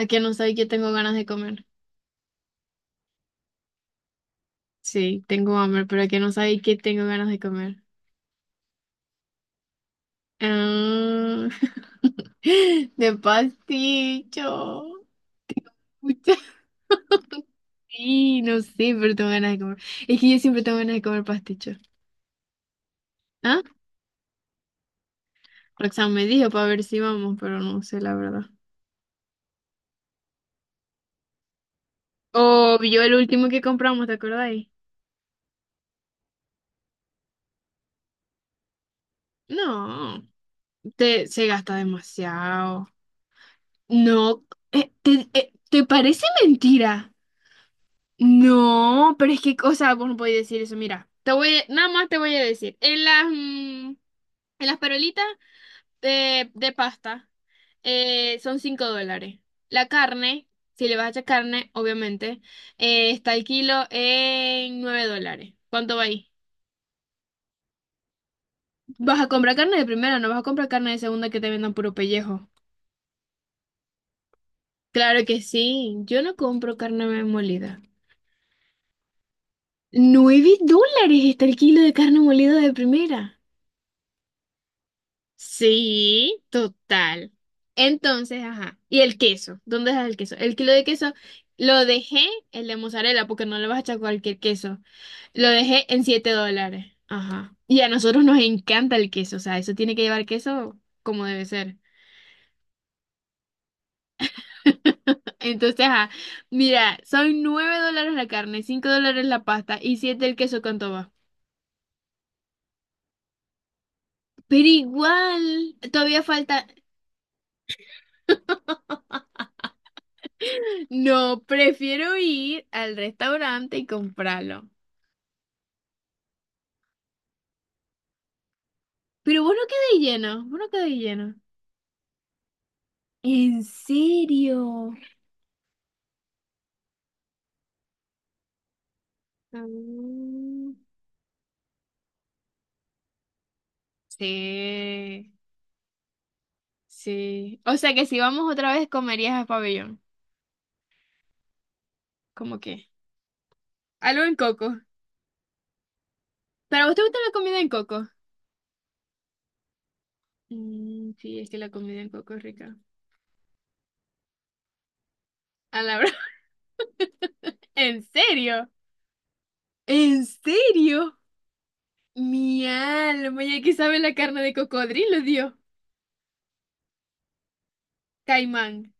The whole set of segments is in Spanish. ¿A que no sabéis que tengo ganas de comer? Sí, tengo hambre, pero ¿a que no sabéis que tengo ganas de comer? Ah, de pasticho. Pucha, sí, no sé, pero tengo ganas de comer. Es que yo siempre tengo ganas de comer pasticho. ¿Ah? Roxanne me dijo para ver si vamos, pero no sé la verdad. O yo el último que compramos, ¿te acordáis? No, se gasta demasiado. No, ¿te parece mentira? No, pero es que, o sea, vos no podés decir eso. Mira, nada más te voy a decir. En las perolitas de pasta son $5. La carne, si le vas a echar carne, obviamente, está el kilo en $9. ¿Cuánto va ahí? ¿Vas a comprar carne de primera? ¿No vas a comprar carne de segunda que te vendan puro pellejo? Claro que sí. Yo no compro carne molida. $9 está el kilo de carne molida de primera. Sí, total. Entonces, ajá. ¿Y el queso? ¿Dónde dejas el queso? El kilo de queso lo dejé, el de mozzarella, porque no le vas a echar cualquier queso. Lo dejé en $7. Ajá. Y a nosotros nos encanta el queso, o sea, eso tiene que llevar queso como debe ser. Entonces, ajá. Mira, son $9 la carne, $5 la pasta y siete el queso, ¿cuánto va? Pero igual, todavía falta. No, prefiero ir al restaurante y comprarlo. Pero vos no quedé lleno, vos no quedé lleno. ¿En serio? Mm. Sí, sí. O sea que si vamos otra vez comerías a pabellón. ¿Cómo qué? Algo en coco. ¿Pero a vos te gusta la comida en coco? Mm, sí, es que la comida en coco es rica. A la broma. ¿En serio? ¿En serio? Mi alma, ¿y a qué sabe la carne de cocodrilo, Dios? Caimán.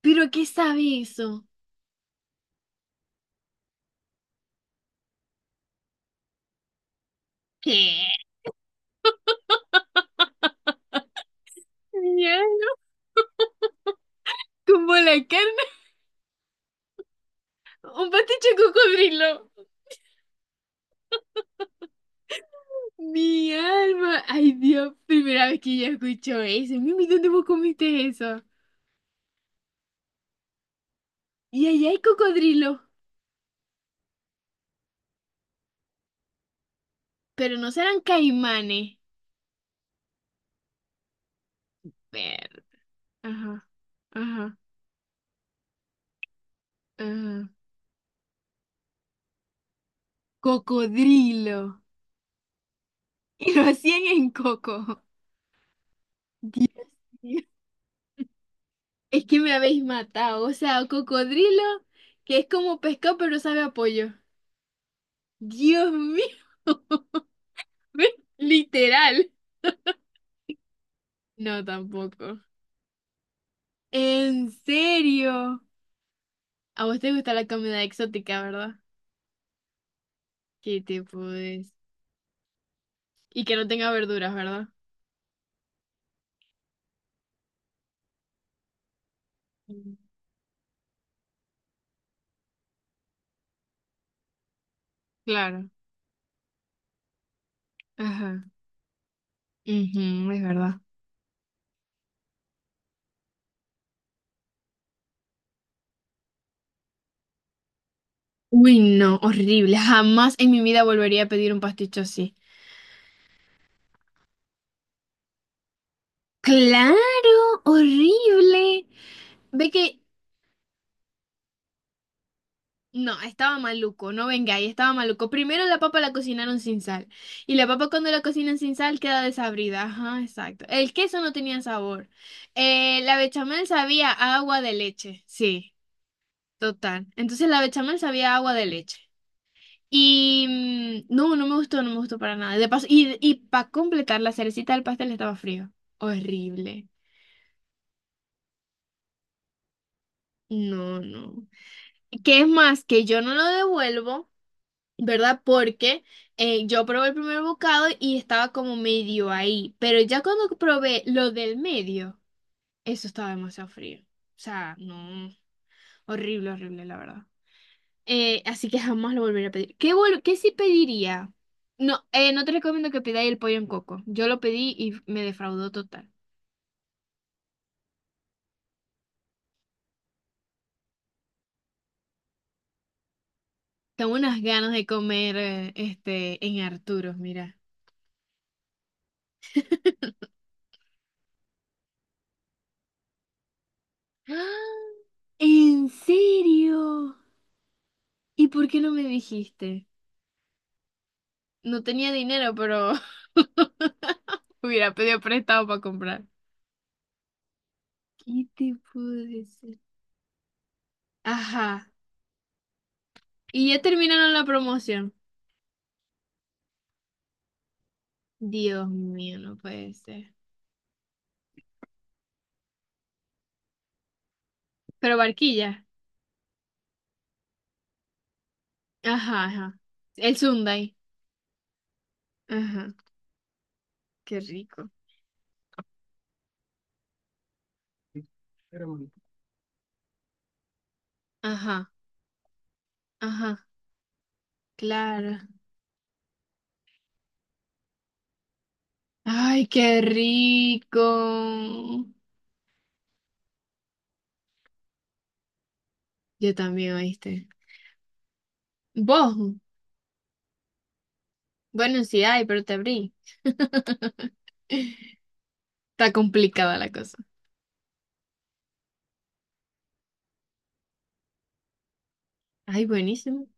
¿Pero a qué sabe eso? ¿Qué? Mi alma, como la carne. Un pasticho de cocodrilo. Mi alma. Ay, Dios, primera vez que yo escucho eso. Mimi, ¿dónde vos comiste eso? Y allá hay cocodrilo. Pero no serán caimanes. Ver. Ajá, ajá, ajá. Cocodrilo. Y lo hacían en coco. Dios mío. Es que me habéis matado. O sea, cocodrilo, que es como pescado, pero sabe a pollo. Dios mío. Literal. No, tampoco. ¿En serio? A vos te gusta la comida exótica, ¿verdad? ¿Qué te puedes? Y que no tenga verduras, ¿verdad? Mm. Claro. Ajá. Ujú, es verdad. Uy, no, horrible. Jamás en mi vida volvería a pedir un pasticho así. Claro, horrible. Ve que No, estaba maluco, no venga ahí, estaba maluco. Primero la papa la cocinaron sin sal. Y la papa cuando la cocinan sin sal queda desabrida. Ajá, exacto. El queso no tenía sabor. La bechamel sabía a agua de leche. Sí, total. Entonces la bechamel sabía a agua de leche. Y no, no me gustó, no me gustó para nada. De paso, y para completar, la cerecita del pastel estaba frío. Horrible. No, no. ¿Qué es más? Que yo no lo devuelvo, ¿verdad? Porque yo probé el primer bocado y estaba como medio ahí, pero ya cuando probé lo del medio, eso estaba demasiado frío. O sea, no, horrible, horrible, la verdad. Así que jamás lo volveré a pedir. ¿Qué sí pediría? No, no te recomiendo que pidáis el pollo en coco. Yo lo pedí y me defraudó total. Tengo unas ganas de comer en Arturos, mira. ¡Ah! ¿En serio? ¿Y por qué no me dijiste? No tenía dinero, pero Hubiera pedido prestado para comprar. ¿Qué te puedo decir? Ajá. Y ya terminaron la promoción. Dios mío, no puede ser. Pero Barquilla. Ajá, ajá. El Sundae. Ajá. Qué rico. Bueno. Ajá, ajá. Claro. Ay, qué rico. Yo también, ¿oíste? Vos. Bueno, sí hay, pero te abrí. Está complicada la cosa. Ay, buenísimo.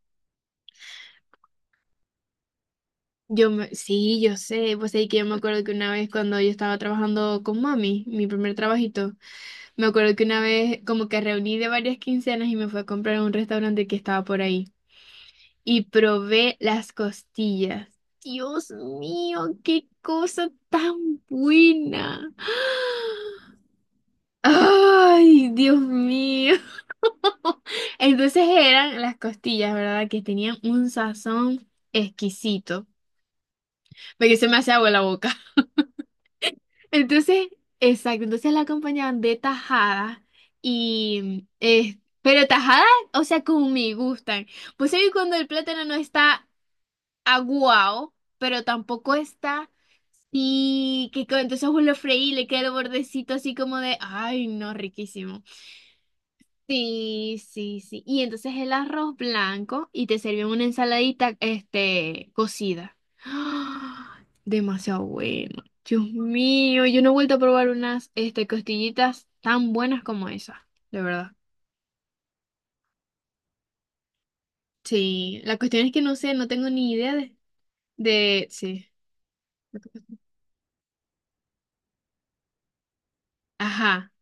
Sí, yo sé, pues ahí que yo me acuerdo que una vez cuando yo estaba trabajando con mami, mi primer trabajito, me acuerdo que una vez como que reuní de varias quincenas y me fui a comprar a un restaurante que estaba por ahí y probé las costillas. Dios mío, qué cosa tan buena. Ay, Dios mío. Entonces eran las costillas, ¿verdad? Que tenían un sazón exquisito, porque se me hace agua la boca. Entonces, exacto, entonces la acompañaban de tajada y pero tajada, o sea, como me gustan. Pues ahí cuando el plátano no está aguado, pero tampoco está entonces vos lo freí y le queda el bordecito así como de, ay, no, riquísimo. Sí, sí, sí. Y entonces el arroz blanco y te sirven una ensaladita, cocida. ¡Ah! Demasiado bueno. Dios mío, yo no he vuelto a probar unas, costillitas tan buenas como esas, de verdad. Sí, la cuestión es que no sé, no tengo ni idea de, sí. Ajá,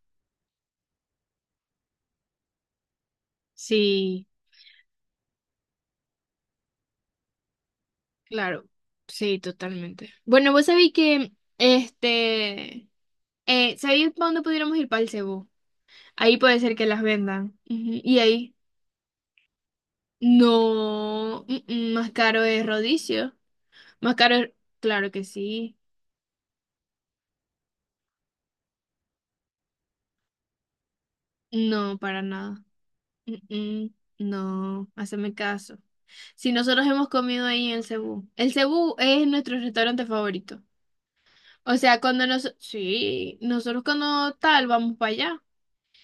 sí, claro, sí, totalmente. Bueno, vos sabéis que, este, ¿sabéis para dónde pudiéramos ir para el cebú? Ahí puede ser que las vendan. Ujú, y ahí no, más caro es Rodicio. Más caro es, claro que sí. No, para nada. Mm, mm, No, haceme caso. Si nosotros hemos comido ahí en el Cebú. El Cebú es nuestro restaurante favorito. O sea, sí, nosotros cuando tal vamos para allá.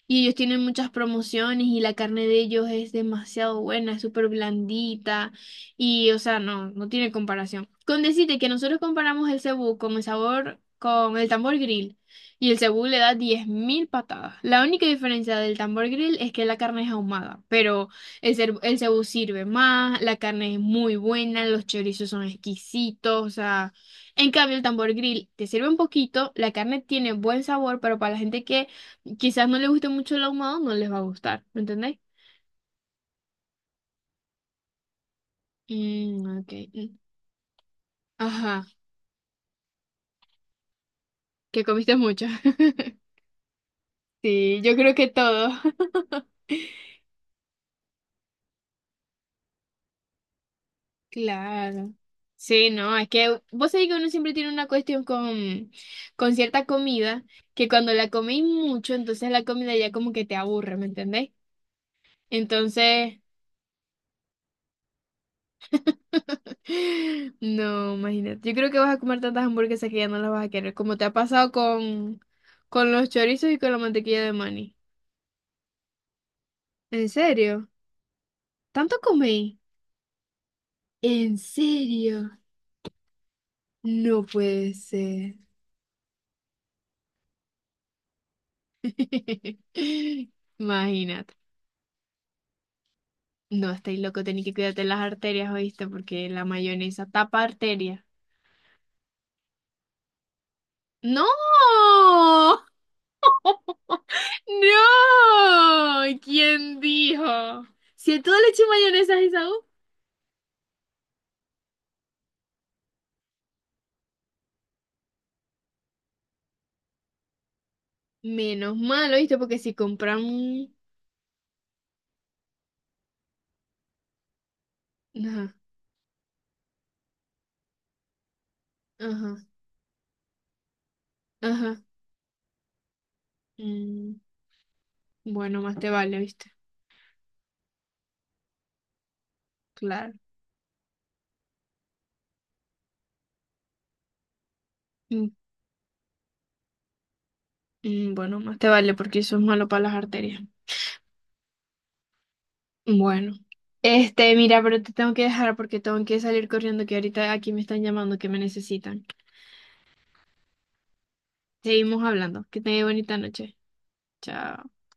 Y ellos tienen muchas promociones y la carne de ellos es demasiado buena, es súper blandita y, o sea, no, no tiene comparación. Con decirte que nosotros comparamos el cebú con el sabor, con el tambor grill y el cebú le da 10.000 patadas. La única diferencia del tambor grill es que la carne es ahumada, pero el cebú sirve más, la carne es muy buena, los chorizos son exquisitos, o sea... En cambio, el tambor grill te sirve un poquito, la carne tiene buen sabor, pero para la gente que quizás no les guste mucho el ahumado, no les va a gustar, ¿me entendéis? Mm, ok. Mm. Ajá, que comiste mucho. Sí, yo creo que todo. Claro. Sí, no, es que vos sabés que uno siempre tiene una cuestión con cierta comida, que cuando la coméis mucho, entonces la comida ya como que te aburre, ¿me entendéis? Entonces, no, imagínate. Yo creo que vas a comer tantas hamburguesas que ya no las vas a querer, como te ha pasado con los chorizos y con la mantequilla de maní. ¿En serio? ¿Tanto comí? ¿En serio? No puede ser. Imagínate. No, estáis loco, tenéis que cuidarte las arterias, ¿oíste? Porque la mayonesa tapa arterias. ¡No! ¡No! ¿Quién dijo? Si a todo le eché mayonesa a Isaú, menos mal, ¿oíste? Porque si compran... Ajá, ajá, ajá. Mm, bueno, más te vale, ¿oíste? Claro. Mm, bueno, más te vale porque eso es malo para las arterias. Bueno, mira, pero te tengo que dejar porque tengo que salir corriendo, que ahorita aquí me están llamando, que me necesitan. Seguimos hablando. Que tengas bonita noche. Chao.